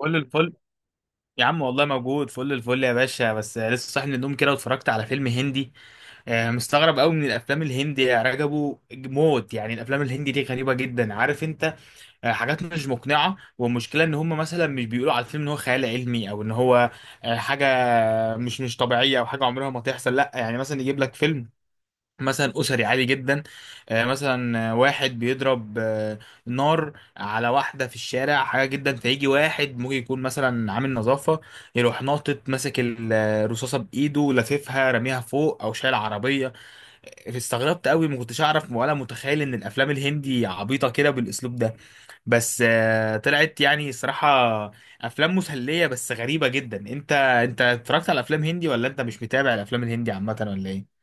فل الفل. يا عم والله موجود، فل الفل يا باشا، بس لسه صاحي من النوم كده واتفرجت على فيلم هندي. مستغرب قوي من الافلام الهندي يا رجبو، موت يعني. الافلام الهندي دي غريبه جدا، عارف انت؟ حاجات مش مقنعه، والمشكله ان هم مثلا مش بيقولوا على الفيلم ان هو خيال علمي او ان هو حاجه مش طبيعيه، او حاجه عمرها ما تحصل. لا يعني مثلا يجيب لك فيلم مثلا اسري عادي جدا. مثلا واحد بيضرب نار على واحده في الشارع، حاجه جدا، فيجي واحد ممكن يكون مثلا عامل نظافه يروح ناطط ماسك الرصاصه بايده لاففها راميها فوق، او شايل عربيه. استغربت قوي، ما كنتش اعرف ولا متخيل ان الافلام الهندي عبيطه كده بالاسلوب ده. بس طلعت يعني صراحه افلام مسليه بس غريبه جدا. انت اتفرجت على افلام هندي، ولا انت مش متابع الافلام الهندي عامه، ولا ايه؟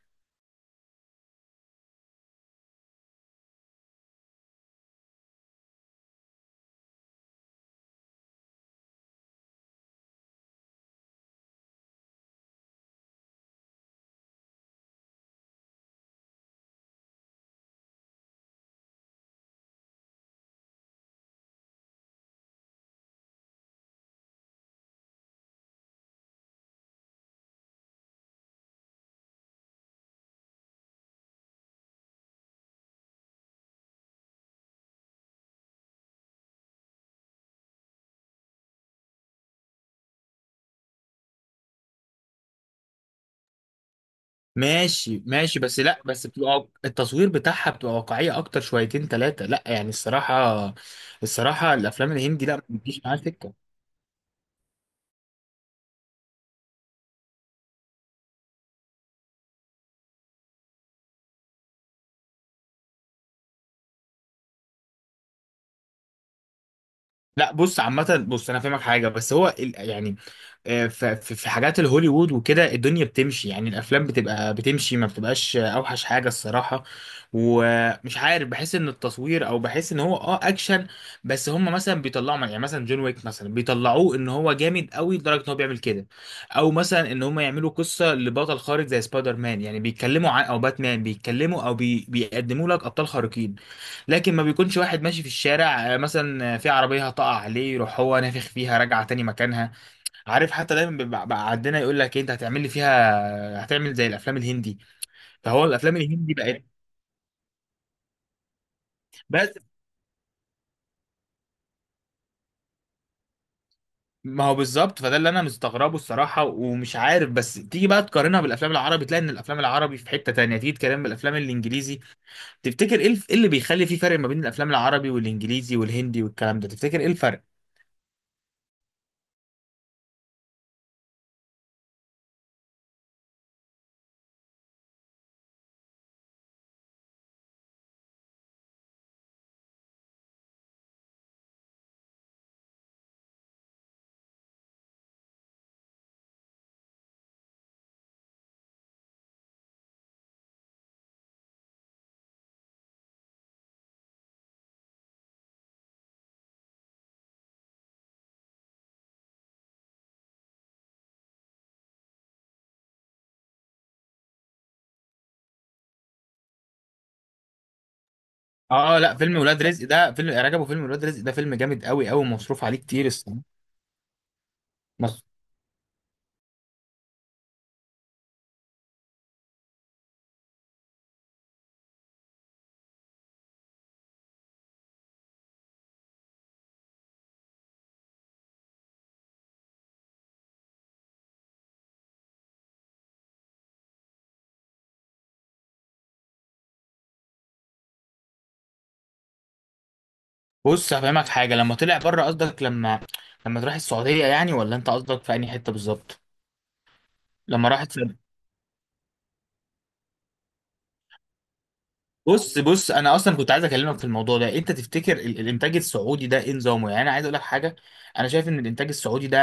ماشي، ماشي. بس لا، بس بتبقى التصوير بتاعها بتبقى واقعية اكتر شويتين ثلاثة. لا يعني الصراحة، الصراحة الافلام الهندي لا، ما بتجيش معايا سكة. لا، بص عامة بص، انا فاهمك حاجة، بس هو يعني في حاجات الهوليوود وكده، الدنيا بتمشي. يعني الافلام بتبقى بتمشي، ما بتبقاش اوحش حاجة الصراحة. ومش عارف، بحس ان التصوير، او بحس ان هو اكشن. بس هم مثلا بيطلعوا، يعني مثلا جون ويك مثلا بيطلعوه ان هو جامد قوي لدرجة ان هو بيعمل كده، او مثلا ان هم يعملوا قصة لبطل خارق زي سبايدر مان، يعني بيتكلموا عن، او باتمان بيتكلموا، او بيقدموا لك ابطال خارقين. لكن ما بيكونش واحد ماشي في الشارع مثلا، في عربية هتقع عليه يروح هو نافخ فيها راجعة تاني مكانها. عارف، حتى دايما بيبقى بقى عندنا يقول لك إيه، انت هتعمل لي فيها هتعمل زي الافلام الهندي؟ فهو الافلام الهندي بقت. بس ما هو بالظبط، فده اللي انا مستغربه الصراحة ومش عارف. بس تيجي بقى تقارنها بالافلام العربي تلاقي ان الافلام العربي في حتة تانية، تيجي تقارنها بالافلام الانجليزي. تفتكر ايه إيه اللي بيخلي في فرق ما بين الافلام العربي والانجليزي والهندي والكلام ده؟ تفتكر ايه الفرق؟ اه لا، فيلم ولاد رزق ده فيلم رجب، وفيلم ولاد رزق ده فيلم جامد قوي قوي ومصروف عليه كتير الصراحه. بس بص هفهمك حاجه. لما طلع بره قصدك، لما تروح السعوديه يعني، ولا انت قصدك في انهي حته بالظبط؟ لما راح. بص انا اصلا كنت عايز اكلمك في الموضوع ده. انت تفتكر الانتاج السعودي ده ايه نظامه؟ يعني انا عايز اقول لك حاجه. انا شايف ان الانتاج السعودي ده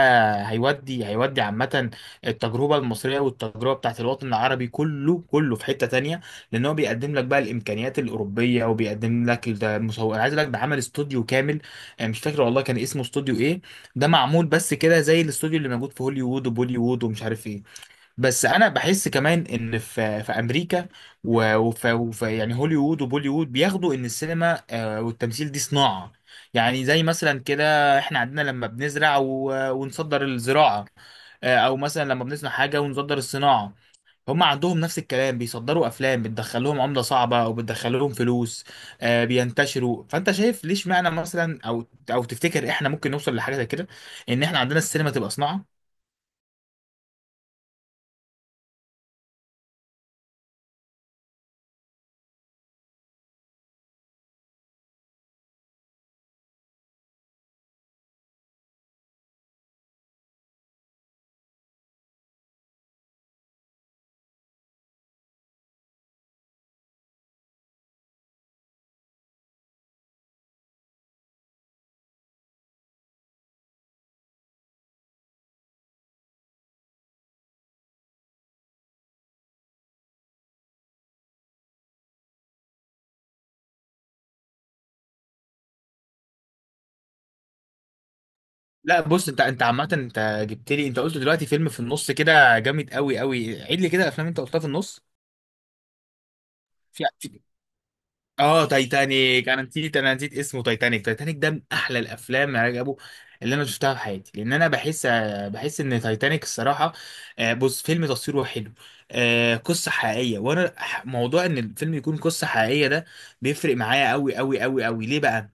هيودي عامه، التجربه المصريه والتجربه بتاعت الوطن العربي كله كله في حته تانية. لان هو بيقدم لك بقى الامكانيات الاوروبيه، وبيقدم لك، ده مصور، انا عايز اقول لك ده عمل استوديو كامل. مش فاكر والله كان اسمه استوديو ايه. ده معمول بس كده زي الاستوديو اللي موجود في هوليوود وبوليوود ومش عارف ايه. بس انا بحس كمان ان في امريكا وفي يعني هوليوود وبوليوود بياخدوا ان السينما والتمثيل دي صناعة. يعني زي مثلا كده احنا عندنا لما بنزرع ونصدر الزراعة، او مثلا لما بنصنع حاجة ونصدر الصناعة. هم عندهم نفس الكلام، بيصدروا افلام بتدخل لهم عملة صعبة او بتدخل لهم فلوس. بينتشروا. فانت شايف ليش معنى مثلا، او او تفتكر احنا ممكن نوصل لحاجة زي كده، ان احنا عندنا السينما تبقى صناعة؟ لا، بص، انت عامة انت جبت لي، انت قلت دلوقتي فيلم في النص كده جامد قوي قوي. عيد لي كده الافلام انت قلتها في النص. في في- اه تايتانيك، انا نسيت اسمه تايتانيك. تايتانيك ده من احلى الافلام يا رجبو اللي انا شفتها في حياتي، لان انا بحس ان تايتانيك الصراحة. بص، فيلم تصويره حلو. قصة حقيقية، وانا موضوع ان الفيلم يكون قصة حقيقية ده بيفرق معايا قوي قوي قوي قوي. ليه بقى؟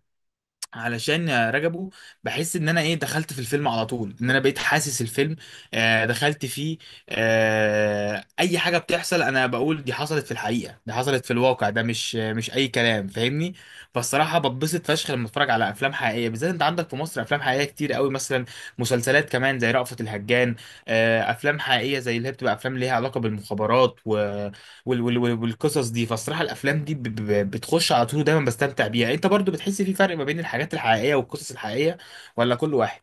علشان رجبه، بحس ان انا ايه دخلت في الفيلم على طول، ان انا بقيت حاسس الفيلم. دخلت فيه. اي حاجه بتحصل انا بقول دي حصلت في الحقيقه، دي حصلت في الواقع، ده مش اي كلام، فاهمني؟ فالصراحه بتبسط فشخ لما اتفرج على افلام حقيقيه. بالذات انت عندك في مصر افلام حقيقيه كتير قوي، مثلا مسلسلات كمان زي رأفت الهجان. افلام حقيقيه زي اللي هي بتبقى افلام ليها علاقه بالمخابرات و وال وال وال- والقصص دي. فالصراحه الافلام دي بتخش على طول، دايما بستمتع بيها. انت برضو بتحس في فرق ما بين الحاجات الحقيقيه والقصص الحقيقيه، ولا كل واحد؟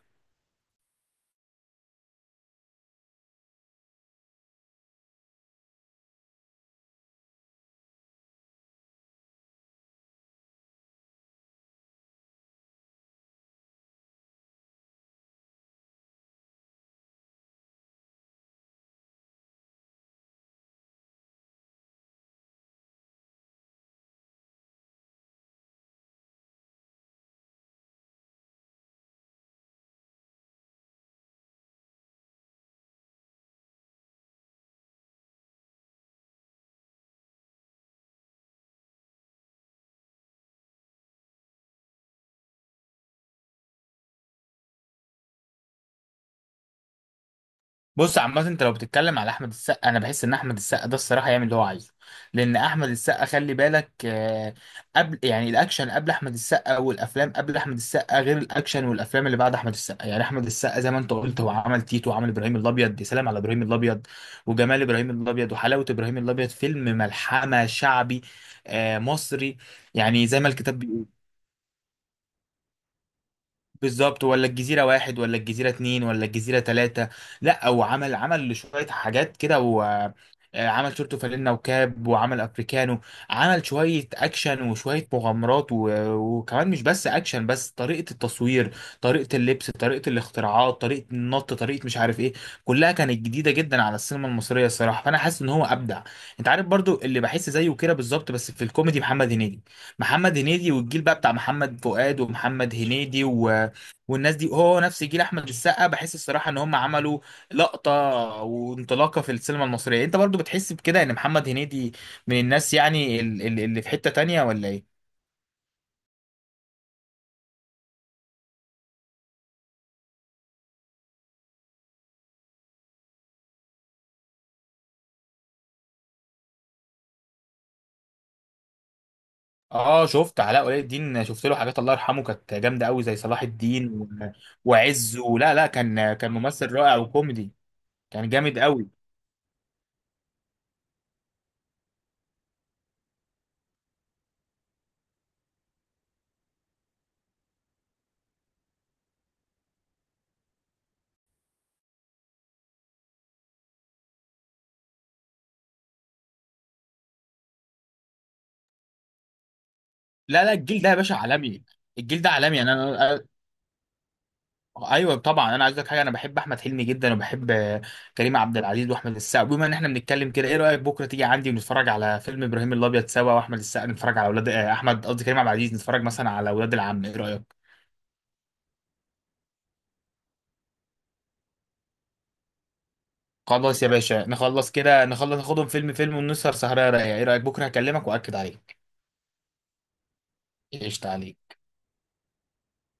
بص عامة، انت لو بتتكلم على احمد السقا، انا بحس ان احمد السقا ده الصراحة يعمل اللي هو عايزه. لان احمد السقا خلي بالك، قبل يعني الاكشن قبل احمد السقا والافلام قبل احمد السقا غير الاكشن والافلام اللي بعد احمد السقا. يعني احمد السقا زي ما انت قلت، هو عمل تيتو وعمل ابراهيم الابيض، يا سلام على ابراهيم الابيض وجمال ابراهيم الابيض وحلاوة ابراهيم الابيض، فيلم ملحمة شعبي مصري، يعني زي ما الكتاب بيقول. بالظبط، ولا الجزيرة واحد ولا الجزيرة اتنين ولا الجزيرة تلاتة. لا، هو عمل شوية حاجات كده، وعمل شورتو فانلة وكاب، وعمل افريكانو. عمل شوية اكشن وشوية مغامرات وكمان مش بس اكشن، بس طريقة التصوير، طريقة اللبس، طريقة الاختراعات، طريقة النط، طريقة مش عارف ايه. كلها كانت جديدة جدا على السينما المصرية الصراحة. فانا حاسس ان هو ابدع. انت عارف برضو اللي بحس زيه كده بالظبط بس في الكوميدي؟ محمد هنيدي. محمد هنيدي والجيل بقى بتاع محمد فؤاد ومحمد هنيدي والناس دي هو نفس جيل احمد السقا. بحس الصراحه ان هم عملوا لقطه وانطلاقه في السينما المصريه. انت برضو بتحس بكده ان محمد هنيدي من الناس يعني اللي في حته تانية، ولا ايه؟ اه شفت علاء ولي الدين، شفت له حاجات الله يرحمه كانت جامده قوي زي صلاح الدين وعز. ولا لا، كان ممثل رائع وكوميدي، كان جامد قوي. لا، لا، الجيل ده يا باشا عالمي. الجيل ده عالمي يعني انا. ايوه طبعا، انا عايز اقول لك حاجه. انا بحب احمد حلمي جدا، وبحب كريم عبد العزيز واحمد السقا. بما ان احنا بنتكلم كده، ايه رايك بكره تيجي عندي ونتفرج على فيلم ابراهيم الابيض سوا، واحمد السقا نتفرج على اولاد احمد، قصدي كريم عبد العزيز، نتفرج مثلا على اولاد العم؟ ايه رايك؟ خلاص يا باشا، نخلص كده نخلص، ناخدهم فيلم فيلم ونسهر سهره رايقه. ايه رايك؟ بكره هكلمك واكد عليك. قشطه عليك.